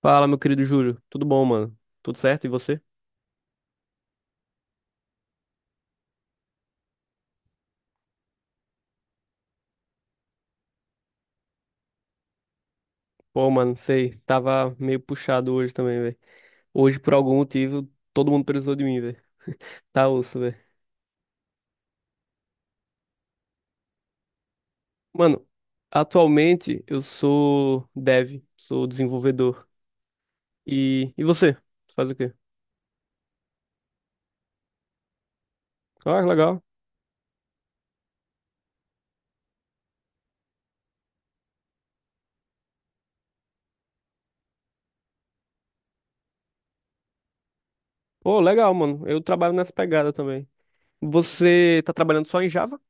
Fala, meu querido Júlio. Tudo bom, mano? Tudo certo? E você? Pô, mano, sei. Tava meio puxado hoje também, velho. Hoje, por algum motivo, todo mundo precisou de mim, velho. Tá osso, velho. Mano, atualmente eu sou dev, sou desenvolvedor. E você? Você faz o quê? Ah, legal. Pô, legal, mano. Eu trabalho nessa pegada também. Você tá trabalhando só em Java?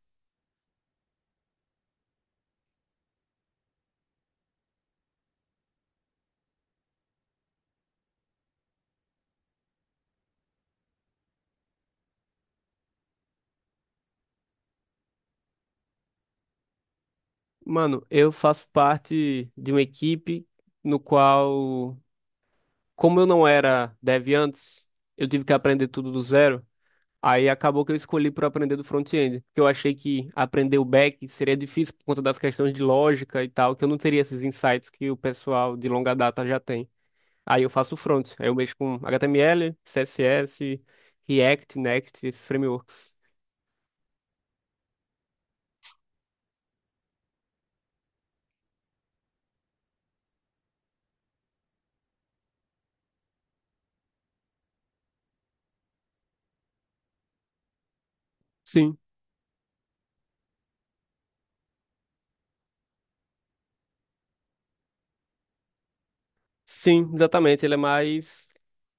Mano, eu faço parte de uma equipe no qual como eu não era dev antes, eu tive que aprender tudo do zero. Aí acabou que eu escolhi por aprender do front-end, porque eu achei que aprender o back seria difícil por conta das questões de lógica e tal, que eu não teria esses insights que o pessoal de longa data já tem. Aí eu faço o front, aí eu mexo com HTML, CSS, React, Next, esses frameworks. Sim, sim, exatamente. Ele é mais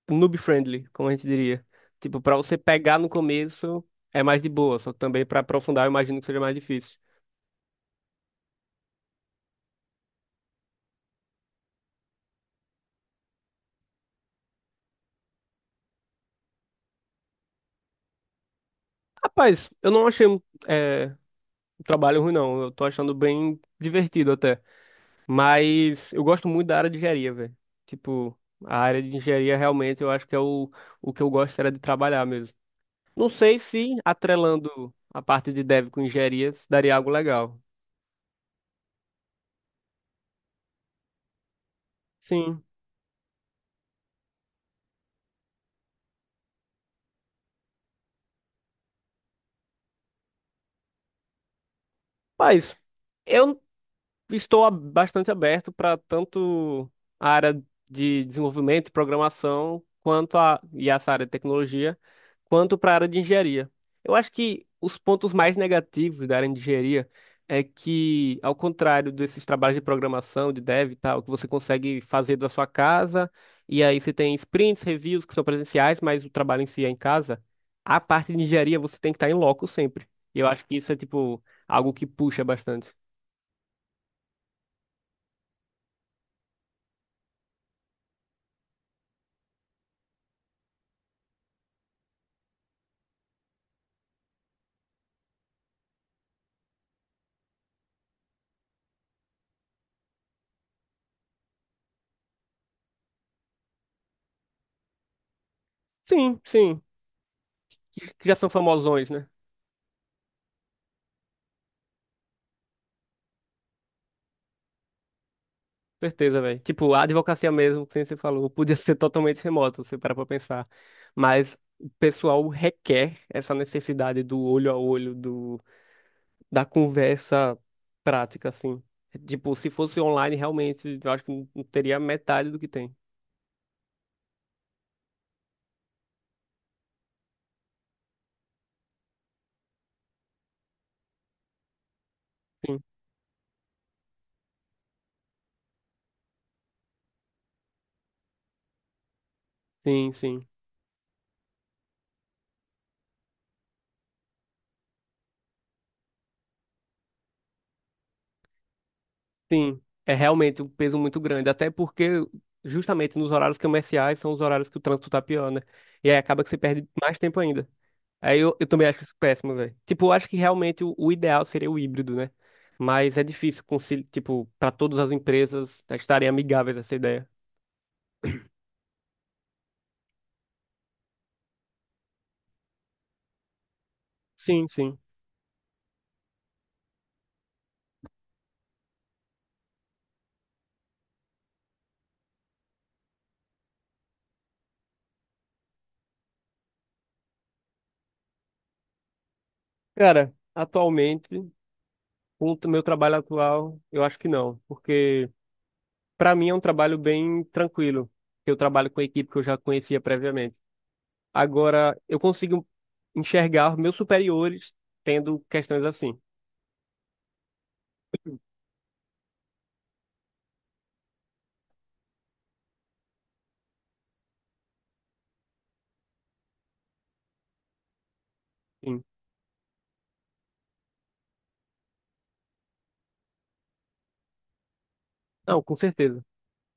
noob-friendly, como a gente diria. Tipo, para você pegar no começo é mais de boa, só que também para aprofundar eu imagino que seja mais difícil. Rapaz, eu não achei é, um trabalho ruim, não. Eu tô achando bem divertido até. Mas eu gosto muito da área de engenharia, velho. Tipo, a área de engenharia realmente eu acho que é o que eu gosto era de trabalhar mesmo. Não sei se atrelando a parte de dev com engenharia se daria algo legal. Sim. Mas eu estou bastante aberto para tanto a área de desenvolvimento e programação, quanto e essa área de tecnologia, quanto para a área de engenharia. Eu acho que os pontos mais negativos da área de engenharia é que, ao contrário desses trabalhos de programação, de dev e tal, que você consegue fazer da sua casa, e aí você tem sprints, reviews que são presenciais, mas o trabalho em si é em casa, a parte de engenharia você tem que estar em loco sempre. E eu acho que isso é, tipo, algo que puxa bastante. Sim, sim. Que já são famosões, né? Certeza, velho. Tipo, a advocacia mesmo, que nem você falou, podia ser totalmente remoto, se você para pra pensar. Mas o pessoal requer essa necessidade do olho a olho, do, da conversa prática, assim. Tipo, se fosse online, realmente, eu acho que não não teria metade do que tem. Sim, sim, sim. Sim, é realmente um peso muito grande. Até porque, justamente nos horários comerciais, são os horários que o trânsito tá pior, né? E aí acaba que você perde mais tempo ainda. Aí eu também acho isso péssimo, velho. Tipo, eu acho que realmente o ideal seria o híbrido, né? Mas é difícil, tipo, para todas as empresas estarem amigáveis a essa ideia. Sim, sim. Cara, atualmente, com o meu trabalho atual, eu acho que não. Porque, pra mim, é um trabalho bem tranquilo. Eu trabalho com a equipe que eu já conhecia previamente. Agora, eu consigo enxergar meus superiores tendo questões assim. Sim. Não, com certeza.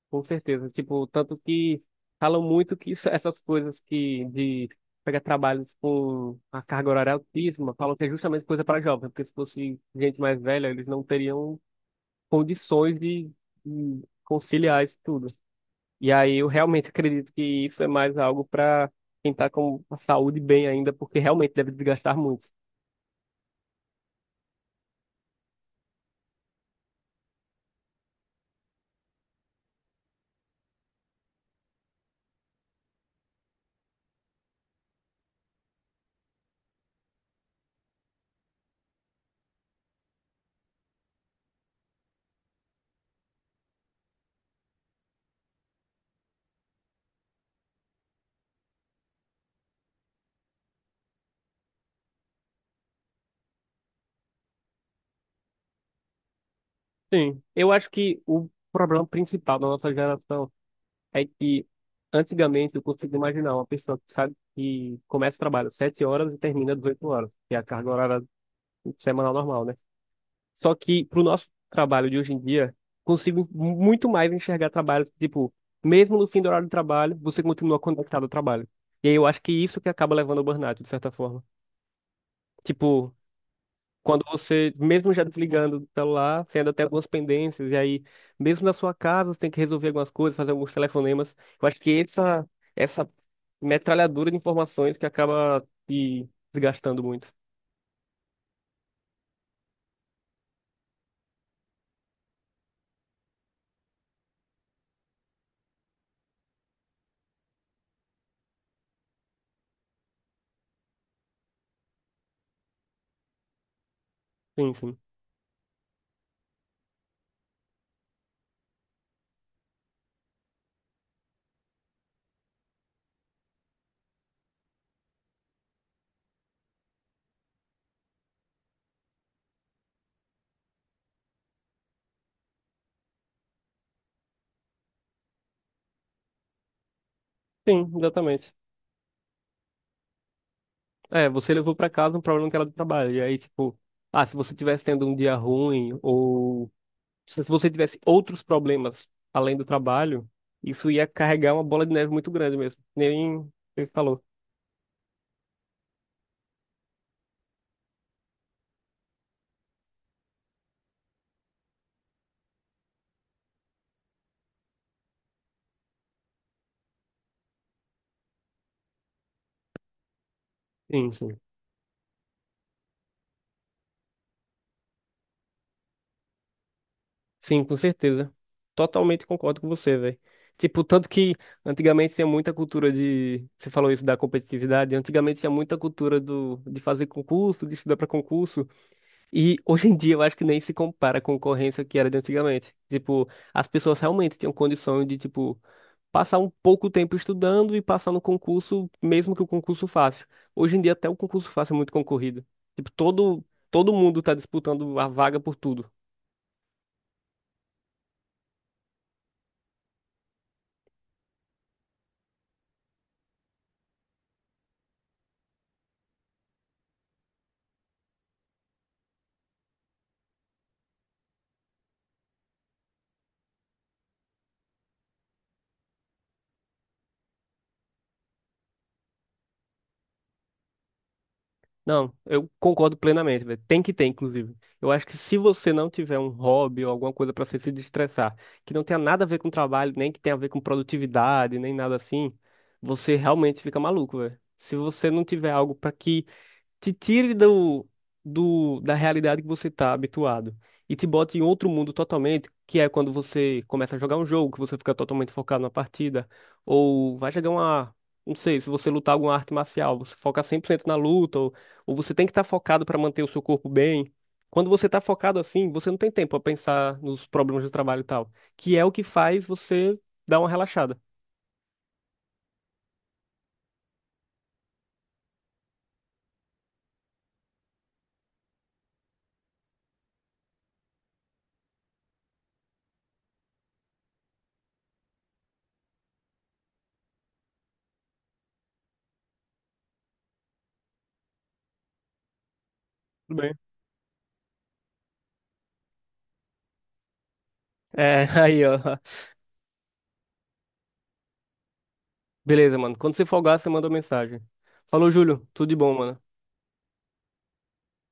Com certeza. Tipo, tanto que falam muito que essas coisas que de pegar trabalhos com a carga horária altíssima, falam que é justamente coisa para jovem, porque se fosse gente mais velha, eles não teriam condições de conciliar isso tudo. E aí eu realmente acredito que isso é mais algo para quem está com a saúde bem ainda, porque realmente deve desgastar muito. Sim, eu acho que o problema principal da nossa geração é que antigamente eu consigo imaginar uma pessoa que sabe que começa o trabalho 7 horas e termina às 8 horas, que é a carga horária semanal normal, né? Só que pro nosso trabalho de hoje em dia, consigo muito mais enxergar trabalhos que, tipo, mesmo no fim do horário de trabalho, você continua conectado ao trabalho. E aí eu acho que isso que acaba levando ao burnout, de certa forma. Tipo, quando você, mesmo já desligando do celular, você ainda tem algumas pendências, e aí, mesmo na sua casa, você tem que resolver algumas coisas, fazer alguns telefonemas. Eu acho que essa metralhadora de informações que acaba te desgastando muito. Sim, sim. Sim, exatamente. É, você levou pra casa um problema que era do trabalho, e aí, tipo, ah, se você tivesse tendo um dia ruim, ou se você tivesse outros problemas além do trabalho, isso ia carregar uma bola de neve muito grande mesmo. Nem, você falou. Sim, sim. Sim, com certeza. Totalmente concordo com você, velho. Tipo, tanto que antigamente tinha muita cultura de. Você falou isso da competitividade. Antigamente tinha muita cultura do... de fazer concurso, de estudar pra concurso. E hoje em dia eu acho que nem se compara a concorrência que era de antigamente. Tipo, as pessoas realmente tinham condição de, tipo, passar um pouco tempo estudando e passar no concurso, mesmo que o concurso fácil. Hoje em dia até o concurso fácil é muito concorrido. Tipo, todo, todo mundo tá disputando a vaga por tudo. Não, eu concordo plenamente, velho. Tem que ter, inclusive. Eu acho que se você não tiver um hobby ou alguma coisa pra você se destressar, que não tenha nada a ver com trabalho, nem que tenha a ver com produtividade, nem nada assim, você realmente fica maluco, velho. Se você não tiver algo pra que te tire da realidade que você está habituado e te bote em outro mundo totalmente, que é quando você começa a jogar um jogo, que você fica totalmente focado na partida, ou vai jogar uma, não sei, se você lutar alguma arte marcial, você foca 100% na luta, ou você tem que estar focado para manter o seu corpo bem. Quando você está focado assim, você não tem tempo a pensar nos problemas do trabalho e tal, que é o que faz você dar uma relaxada. Tudo bem. É, aí, ó. Beleza, mano. Quando você folgar, você manda uma mensagem. Falou, Júlio. Tudo de bom, mano.